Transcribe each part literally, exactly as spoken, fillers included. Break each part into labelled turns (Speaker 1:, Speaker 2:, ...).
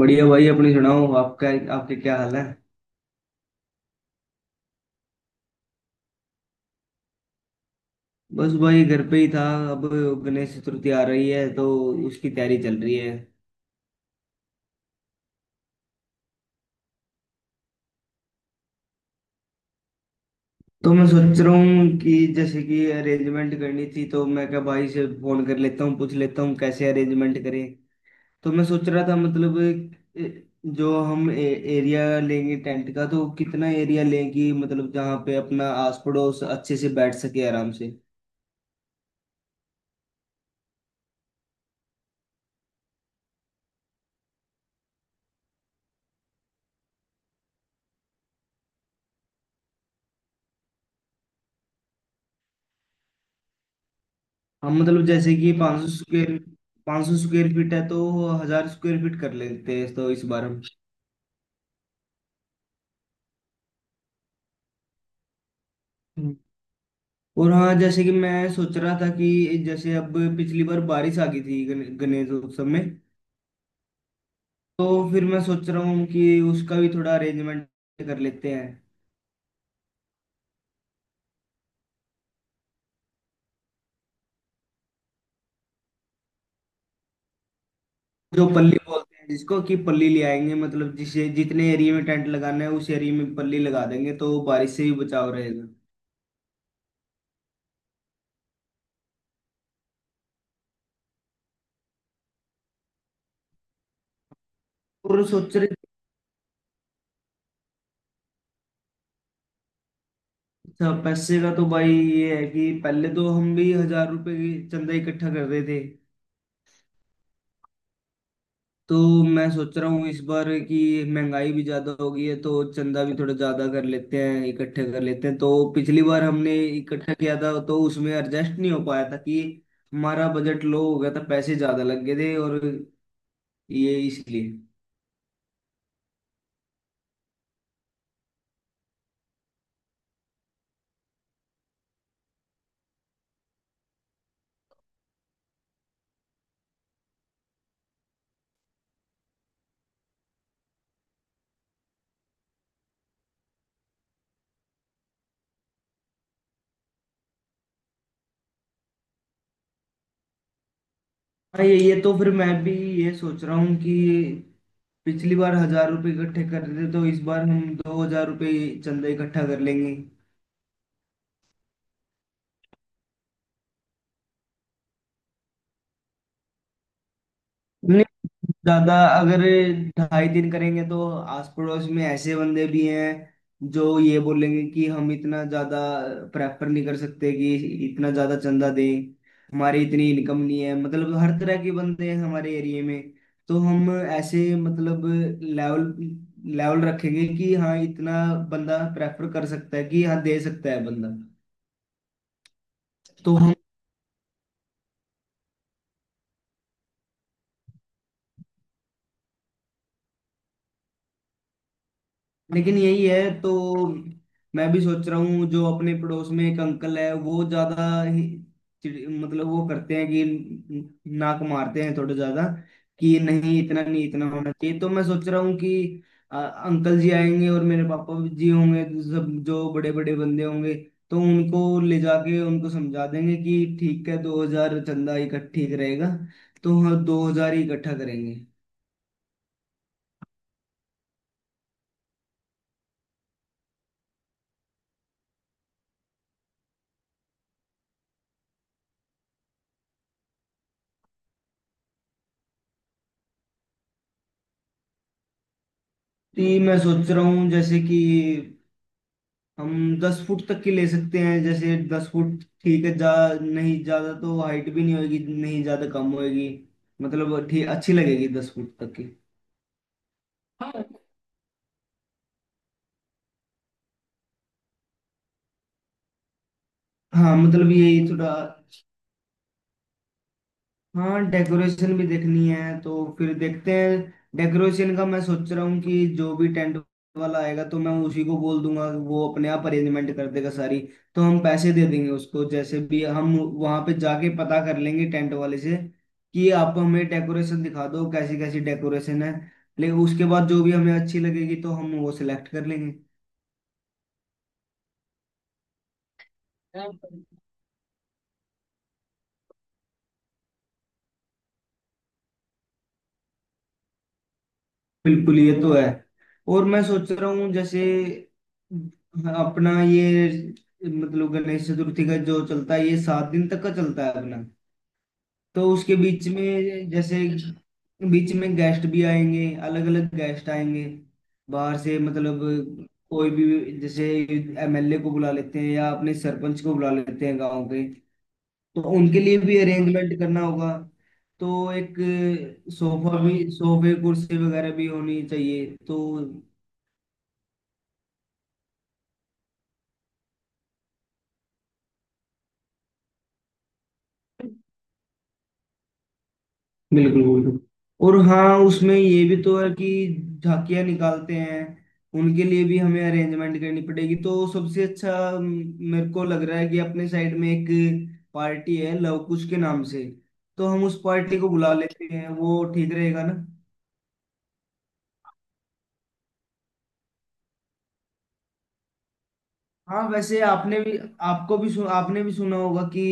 Speaker 1: बढ़िया भाई, अपनी सुनाओ। आपका आपके क्या हाल है। बस भाई घर पे ही था। अब गणेश चतुर्थी आ रही है तो उसकी तैयारी चल रही है। तो मैं सोच रहा हूँ कि जैसे कि अरेंजमेंट करनी थी तो मैं क्या भाई से फोन कर लेता हूँ, पूछ लेता हूँ कैसे अरेंजमेंट करें। तो मैं सोच रहा था, मतलब, ए- जो हम ए, एरिया लेंगे टेंट का तो कितना एरिया लेंगे, मतलब जहाँ पे अपना आस पड़ोस अच्छे से बैठ सके आराम से। हम मतलब जैसे कि पांच सौ स्क्वायर पांच सौ स्क्वायर फीट है तो हजार स्क्वायर फीट कर लेते हैं तो इस बार हम। हम्म। और हाँ, जैसे कि मैं सोच रहा था कि जैसे अब पिछली बार बारिश आ गई थी गण- गणेश उत्सव में। तो फिर मैं सोच रहा हूँ कि उसका भी थोड़ा अरेंजमेंट कर लेते हैं। जो पल्ली बोलते हैं जिसको कि पल्ली ले आएंगे, मतलब जिसे जितने एरिया में टेंट लगाना है उस एरिया में पल्ली लगा देंगे तो बारिश से भी बचाव रहेगा। और सोच रहे अच्छा, पैसे का तो भाई ये है कि पहले तो हम भी हजार रुपए की चंदा इकट्ठा कर रहे थे। तो मैं सोच रहा हूँ इस बार कि महंगाई भी ज्यादा हो गई है तो चंदा भी थोड़ा ज्यादा कर लेते हैं, इकट्ठे कर लेते हैं। तो पिछली बार हमने इकट्ठा किया था तो उसमें एडजस्ट नहीं हो पाया था कि हमारा बजट लो हो गया था, पैसे ज्यादा लग गए थे, और ये इसलिए। हाँ, ये ये तो फिर मैं भी ये सोच रहा हूँ कि पिछली बार हजार रुपये इकट्ठे कर रहे थे तो इस बार हम दो हजार रुपये चंदा इकट्ठा कर लेंगे। नहीं, ज्यादा अगर ढाई दिन करेंगे तो आस पड़ोस में ऐसे बंदे भी हैं जो ये बोलेंगे कि हम इतना ज्यादा प्रेफर नहीं कर सकते कि इतना ज्यादा चंदा दें, हमारी इतनी इनकम नहीं है, मतलब हर तरह के बंदे हैं हमारे एरिया में। तो हम ऐसे, मतलब, लेवल लेवल रखेंगे कि हाँ इतना बंदा प्रेफर कर सकता है कि हाँ दे सकता है बंदा। तो हम लेकिन यही है तो मैं भी सोच रहा हूँ जो अपने पड़ोस में एक अंकल है वो ज्यादा ही चिड़- मतलब वो करते हैं कि नाक मारते हैं थोड़े ज्यादा कि नहीं, इतना नहीं, इतना होना चाहिए। तो मैं सोच रहा हूँ कि अ, अंकल जी आएंगे और मेरे पापा जी होंगे, सब जो बड़े बड़े बंदे होंगे तो उनको ले जाके उनको समझा देंगे कि ठीक है, दो हजार चंदा इकट्ठा ठीक रहेगा, तो हम दो हजार ही इकट्ठा करेंगे। तो ये मैं सोच रहा हूँ जैसे कि हम दस फुट तक की ले सकते हैं, जैसे दस फुट ठीक है, जा नहीं ज्यादा तो हाइट भी नहीं होगी, नहीं ज्यादा कम होगी, मतलब ठीक अच्छी लगेगी दस फुट तक की। हाँ मतलब यही थोड़ा, हाँ डेकोरेशन भी देखनी है तो फिर देखते हैं। डेकोरेशन का मैं सोच रहा हूँ कि जो भी टेंट वाला आएगा तो मैं उसी को बोल दूंगा, वो अपने आप अरेंजमेंट कर देगा सारी। तो हम पैसे दे देंगे उसको, जैसे भी हम वहां पे जाके पता कर लेंगे टेंट वाले से कि आप हमें डेकोरेशन दिखा दो कैसी कैसी डेकोरेशन है, लेकिन उसके बाद जो भी हमें अच्छी लगेगी तो हम वो सिलेक्ट कर लेंगे। बिल्कुल, ये तो है। और मैं सोच रहा हूँ जैसे अपना ये मतलब गणेश चतुर्थी का जो चलता है ये सात दिन तक का चलता है अपना। तो उसके बीच में जैसे बीच में गेस्ट भी आएंगे, अलग अलग गेस्ट आएंगे बाहर से, मतलब कोई भी, जैसे एमएलए को बुला लेते हैं या अपने सरपंच को बुला लेते हैं गांव के। तो उनके लिए भी अरेंजमेंट करना होगा, तो एक सोफा भी, सोफे कुर्सी वगैरह भी होनी चाहिए तो। बिल्कुल बिल्कुल। और हाँ, उसमें ये भी तो है कि झांकियाँ निकालते हैं, उनके लिए भी हमें अरेंजमेंट करनी पड़ेगी तो सबसे अच्छा अम, मेरे को लग रहा है कि अपने साइड में एक पार्टी है लव कुश के नाम से। तो हम उस पार्टी को बुला लेते हैं, वो ठीक रहेगा। हाँ वैसे आपने भी आपको भी सुन, आपने भी सुना होगा कि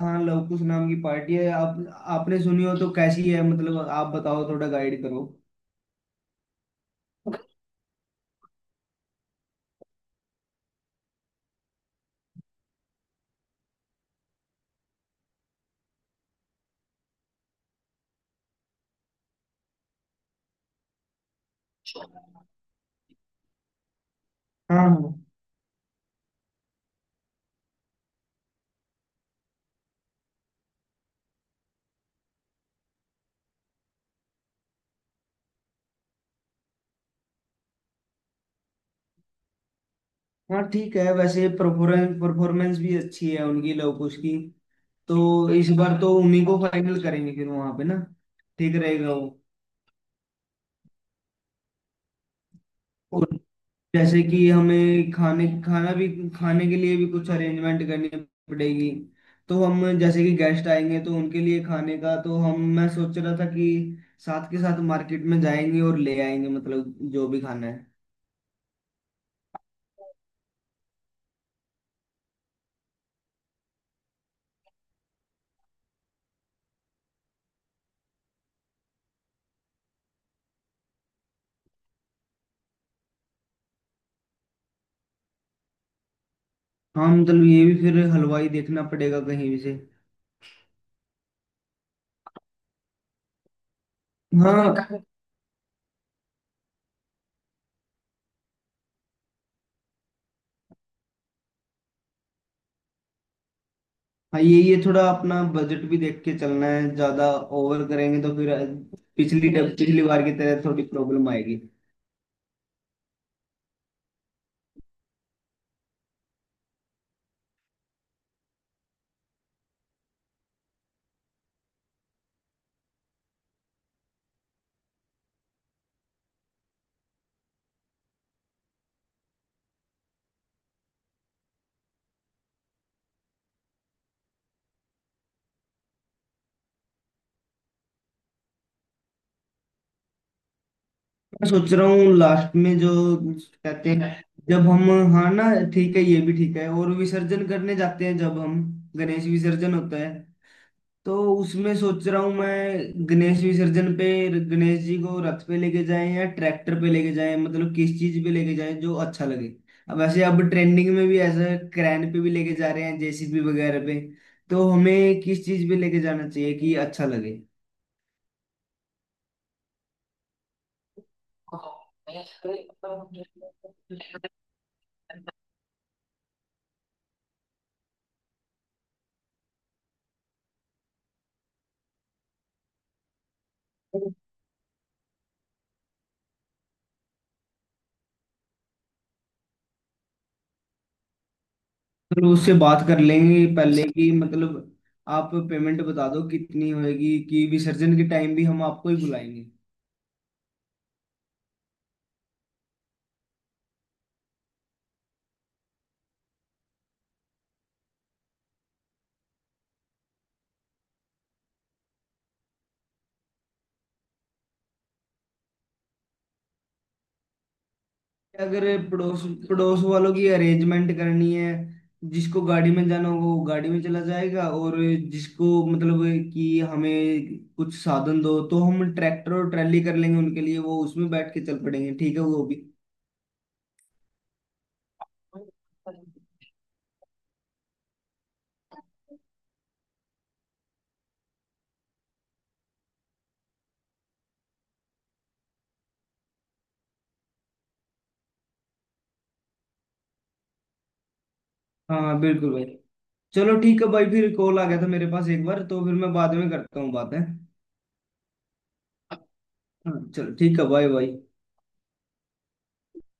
Speaker 1: हाँ लव कुश नाम की पार्टी है। आप आपने सुनी हो तो कैसी है, मतलब आप बताओ थोड़ा गाइड करो। हाँ हाँ हाँ, ठीक है, वैसे परफॉर्मेंस परफॉर्मेंस भी अच्छी है उनकी लव कुश की। तो इस बार तो उन्हीं को फाइनल करेंगे फिर वहां पे ना, ठीक रहेगा वो। और जैसे कि हमें खाने खाना भी खाने के लिए भी कुछ अरेंजमेंट करनी पड़ेगी। तो हम, जैसे कि गेस्ट आएंगे तो उनके लिए खाने का तो हम मैं सोच रहा था कि साथ के साथ मार्केट में जाएंगे और ले आएंगे, मतलब जो भी खाना है। हाँ मतलब ये भी फिर हलवाई देखना पड़ेगा कहीं भी से। हाँ हाँ, ये ये थोड़ा अपना बजट भी देख के चलना है, ज्यादा ओवर करेंगे तो फिर पिछली पिछली बार की तरह थोड़ी प्रॉब्लम आएगी। मैं सोच रहा हूँ लास्ट में जो कहते हैं जब हम हाँ ना, ठीक है, ये भी ठीक है, और विसर्जन करने जाते हैं जब हम, गणेश विसर्जन होता है। तो उसमें सोच रहा हूँ मैं गणेश विसर्जन पे गणेश जी को रथ पे लेके जाएं या ट्रैक्टर पे लेके जाएं, मतलब किस चीज पे लेके जाएं जो अच्छा लगे। अब वैसे अब ट्रेंडिंग में भी ऐसा क्रैन पे भी लेके जा रहे हैं, जेसीबी वगैरह पे। तो हमें किस चीज पे लेके जाना चाहिए कि अच्छा लगे। फिर उससे बात कर लेंगे पहले की, मतलब, आप पेमेंट बता दो कितनी होएगी कि विसर्जन के टाइम भी हम आपको ही बुलाएंगे। अगर पड़ोस पड़ोस वालों की अरेंजमेंट करनी है, जिसको गाड़ी में जाना होगा वो गाड़ी में चला जाएगा और जिसको, मतलब, कि हमें कुछ साधन दो तो हम ट्रैक्टर और ट्रैली कर लेंगे उनके लिए, वो उसमें बैठ के चल पड़ेंगे, ठीक है वो भी। हाँ हाँ बिल्कुल भाई। चलो ठीक है भाई, फिर कॉल आ गया था मेरे पास एक बार तो फिर मैं बाद में करता हूँ बात है। हाँ चलो ठीक है, बाय बाय।